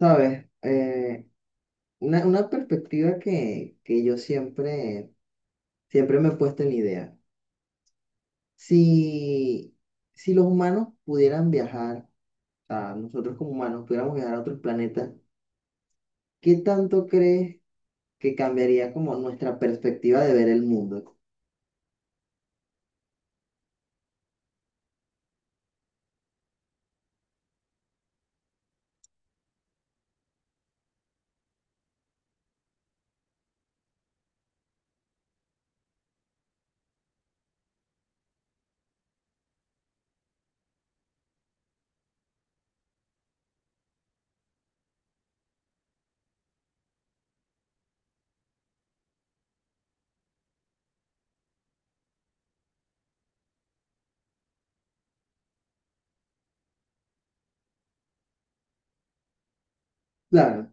Sabes. Una perspectiva que yo siempre me he puesto en la idea. Si, si los humanos pudieran viajar, o sea, nosotros como humanos pudiéramos viajar a otros planetas, ¿qué tanto crees que cambiaría como nuestra perspectiva de ver el mundo? Claro,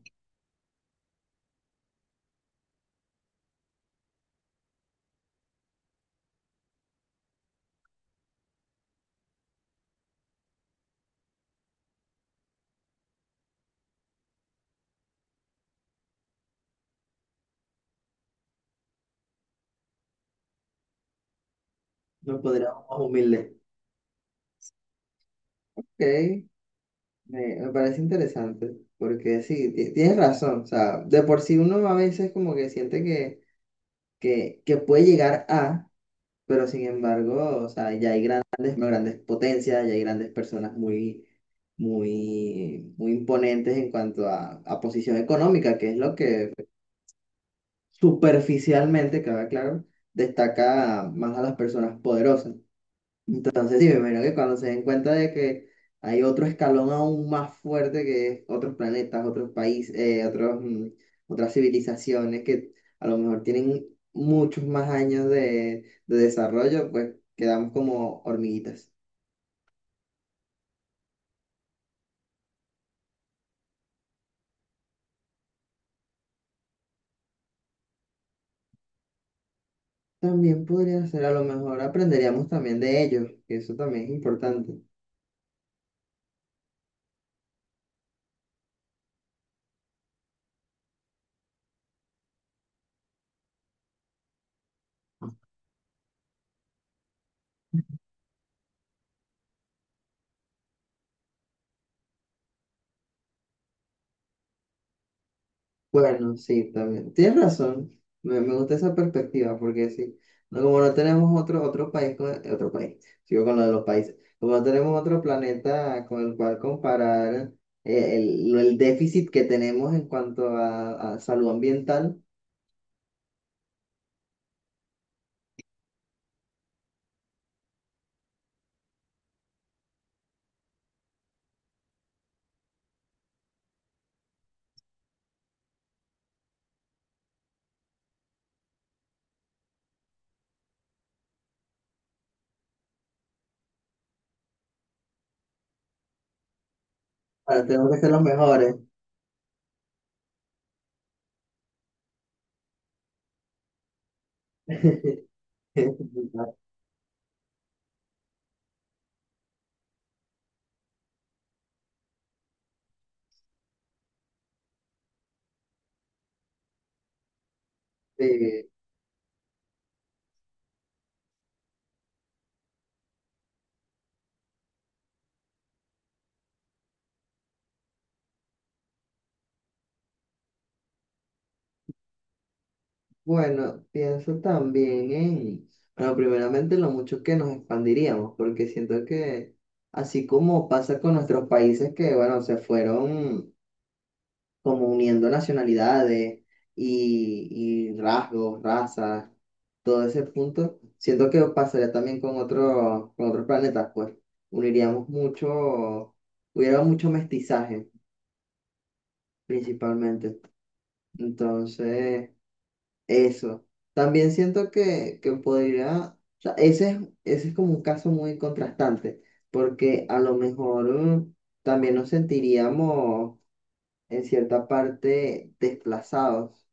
nos podríamos más humildes. Ok, me parece interesante, porque sí, tienes razón. O sea, de por sí uno a veces como que siente que puede llegar a... Pero sin embargo, o sea, ya hay grandes, no, grandes potencias, ya hay grandes personas muy, muy, muy imponentes en cuanto a posición económica, que es lo que superficialmente, queda claro, destaca más a las personas poderosas. Entonces, sí, me imagino que cuando se den cuenta de que hay otro escalón aún más fuerte que es otros planetas, otros países, otros, otras civilizaciones que a lo mejor tienen muchos más años de desarrollo, pues quedamos como hormiguitas. También podría ser, a lo mejor aprenderíamos también de ellos, que eso también es importante. Bueno, sí, también. Tienes razón. Me gusta esa perspectiva porque sí, no, como no tenemos otro, otro país, con, otro país, sigo con lo de los países, como no tenemos otro planeta con el cual comparar el, el déficit que tenemos en cuanto a salud ambiental, ahora tenemos que ser los mejores. Sí. Bueno, pienso también en, bueno, primeramente lo mucho que nos expandiríamos, porque siento que así como pasa con nuestros países que, bueno, se fueron como uniendo nacionalidades y rasgos, razas, todo ese punto, siento que pasaría también con otros planetas, pues uniríamos mucho, hubiera mucho mestizaje principalmente. Entonces... Eso. También siento que podría, o sea, ese es como un caso muy contrastante, porque a lo mejor también nos sentiríamos en cierta parte desplazados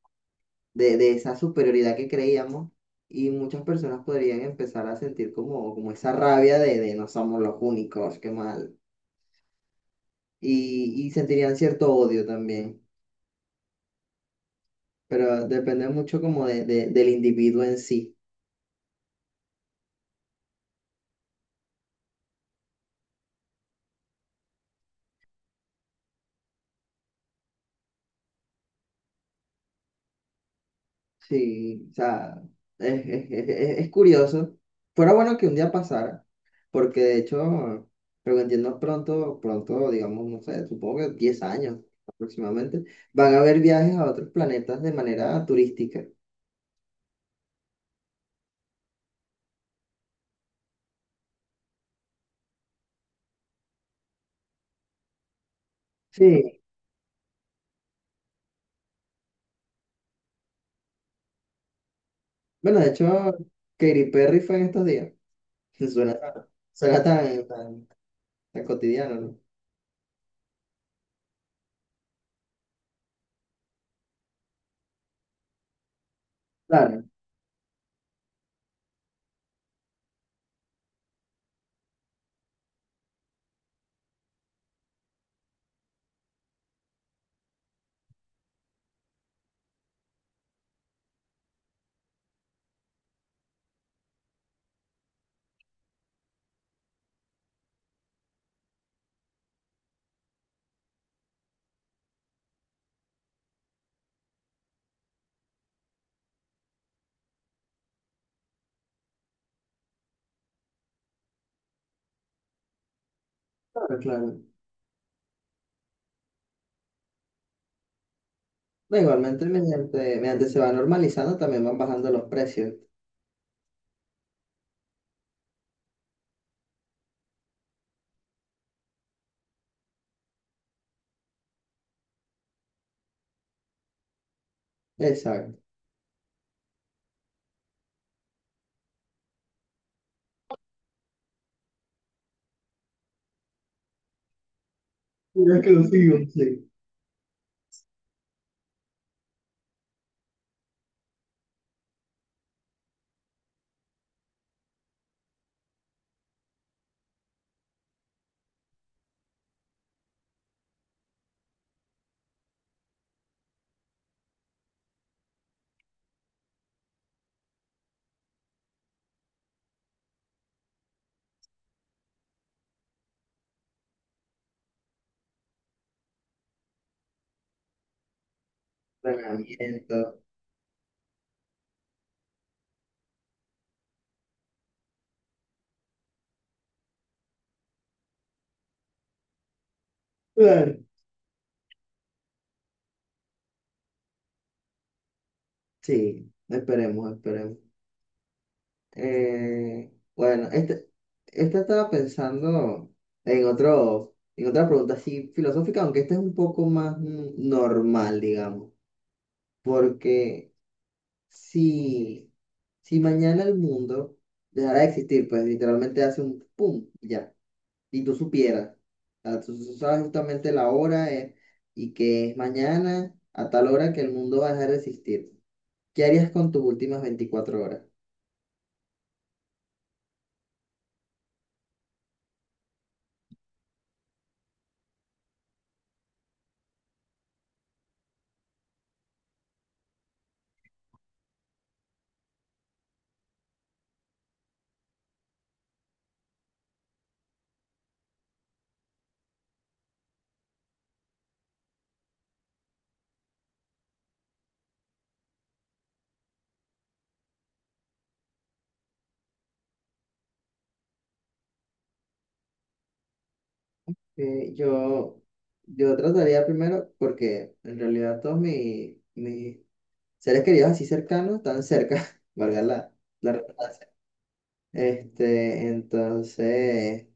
de esa superioridad que creíamos y muchas personas podrían empezar a sentir como, como esa rabia de no somos los únicos, qué mal. Y sentirían cierto odio también, pero depende mucho como de, del individuo en sí. Sí, o sea, es, es curioso. Fuera bueno que un día pasara, porque de hecho, pero que entiendo pronto, pronto, digamos, no sé, supongo que 10 años aproximadamente, van a haber viajes a otros planetas de manera turística. Sí, bueno, de hecho, Katy Perry fue en estos días. Suena, suena tan, tan, tan cotidiano, ¿no? Claro, claro, claro. No, igualmente, mediante, mediante se va normalizando, también van bajando los precios. Exacto. Mira que lo sigo. Sí. Entrenamiento. Claro. Sí, esperemos, esperemos. Eh, bueno, este, esta estaba pensando en otro, en otra pregunta así filosófica, aunque esta es un poco más normal, digamos. Porque si, si mañana el mundo dejara de existir, pues literalmente hace un pum, ya, y tú supieras, o sea, tú sabes justamente la hora y que es mañana a tal hora que el mundo va a dejar de existir. ¿Qué harías con tus últimas 24 horas? Eh, yo, yo trataría primero, porque en realidad todos mis seres queridos así cercanos están cerca, valga la, la redundancia. Este, entonces,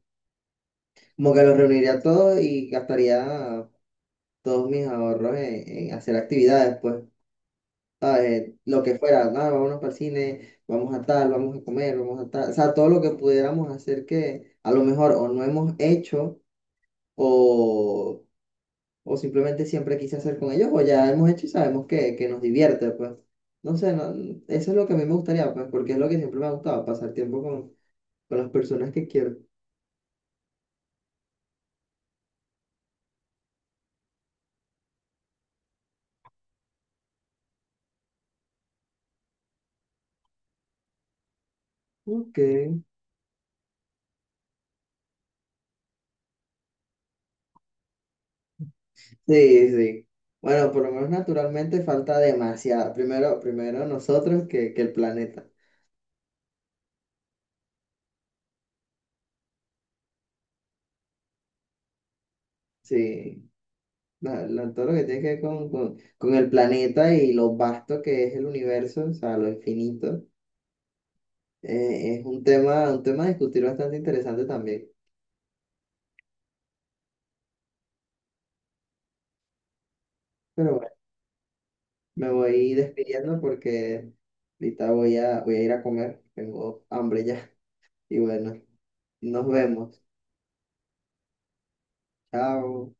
como que los reuniría a todos y gastaría todos mis ahorros en hacer actividades, pues, ¿sabes? Lo que fuera, ah, vámonos para el cine, vamos a tal, vamos a comer, vamos a tal, o sea, todo lo que pudiéramos hacer que a lo mejor o no hemos hecho o o simplemente siempre quise hacer con ellos, o ya hemos hecho y sabemos que nos divierte, pues. No sé, eso es lo que a mí me gustaría, pues, porque es lo que siempre me ha gustado, pasar tiempo con las personas que quiero. Ok. Sí, sí. Bueno, por lo menos naturalmente falta demasiado. Primero, primero nosotros que el planeta. Sí. Todo lo que tiene que ver con el planeta y lo vasto que es el universo, o sea, lo infinito, es un tema a discutir bastante interesante también. Pero me voy despidiendo porque ahorita voy a, voy a ir a comer. Tengo hambre ya. Y bueno, nos vemos. Chao.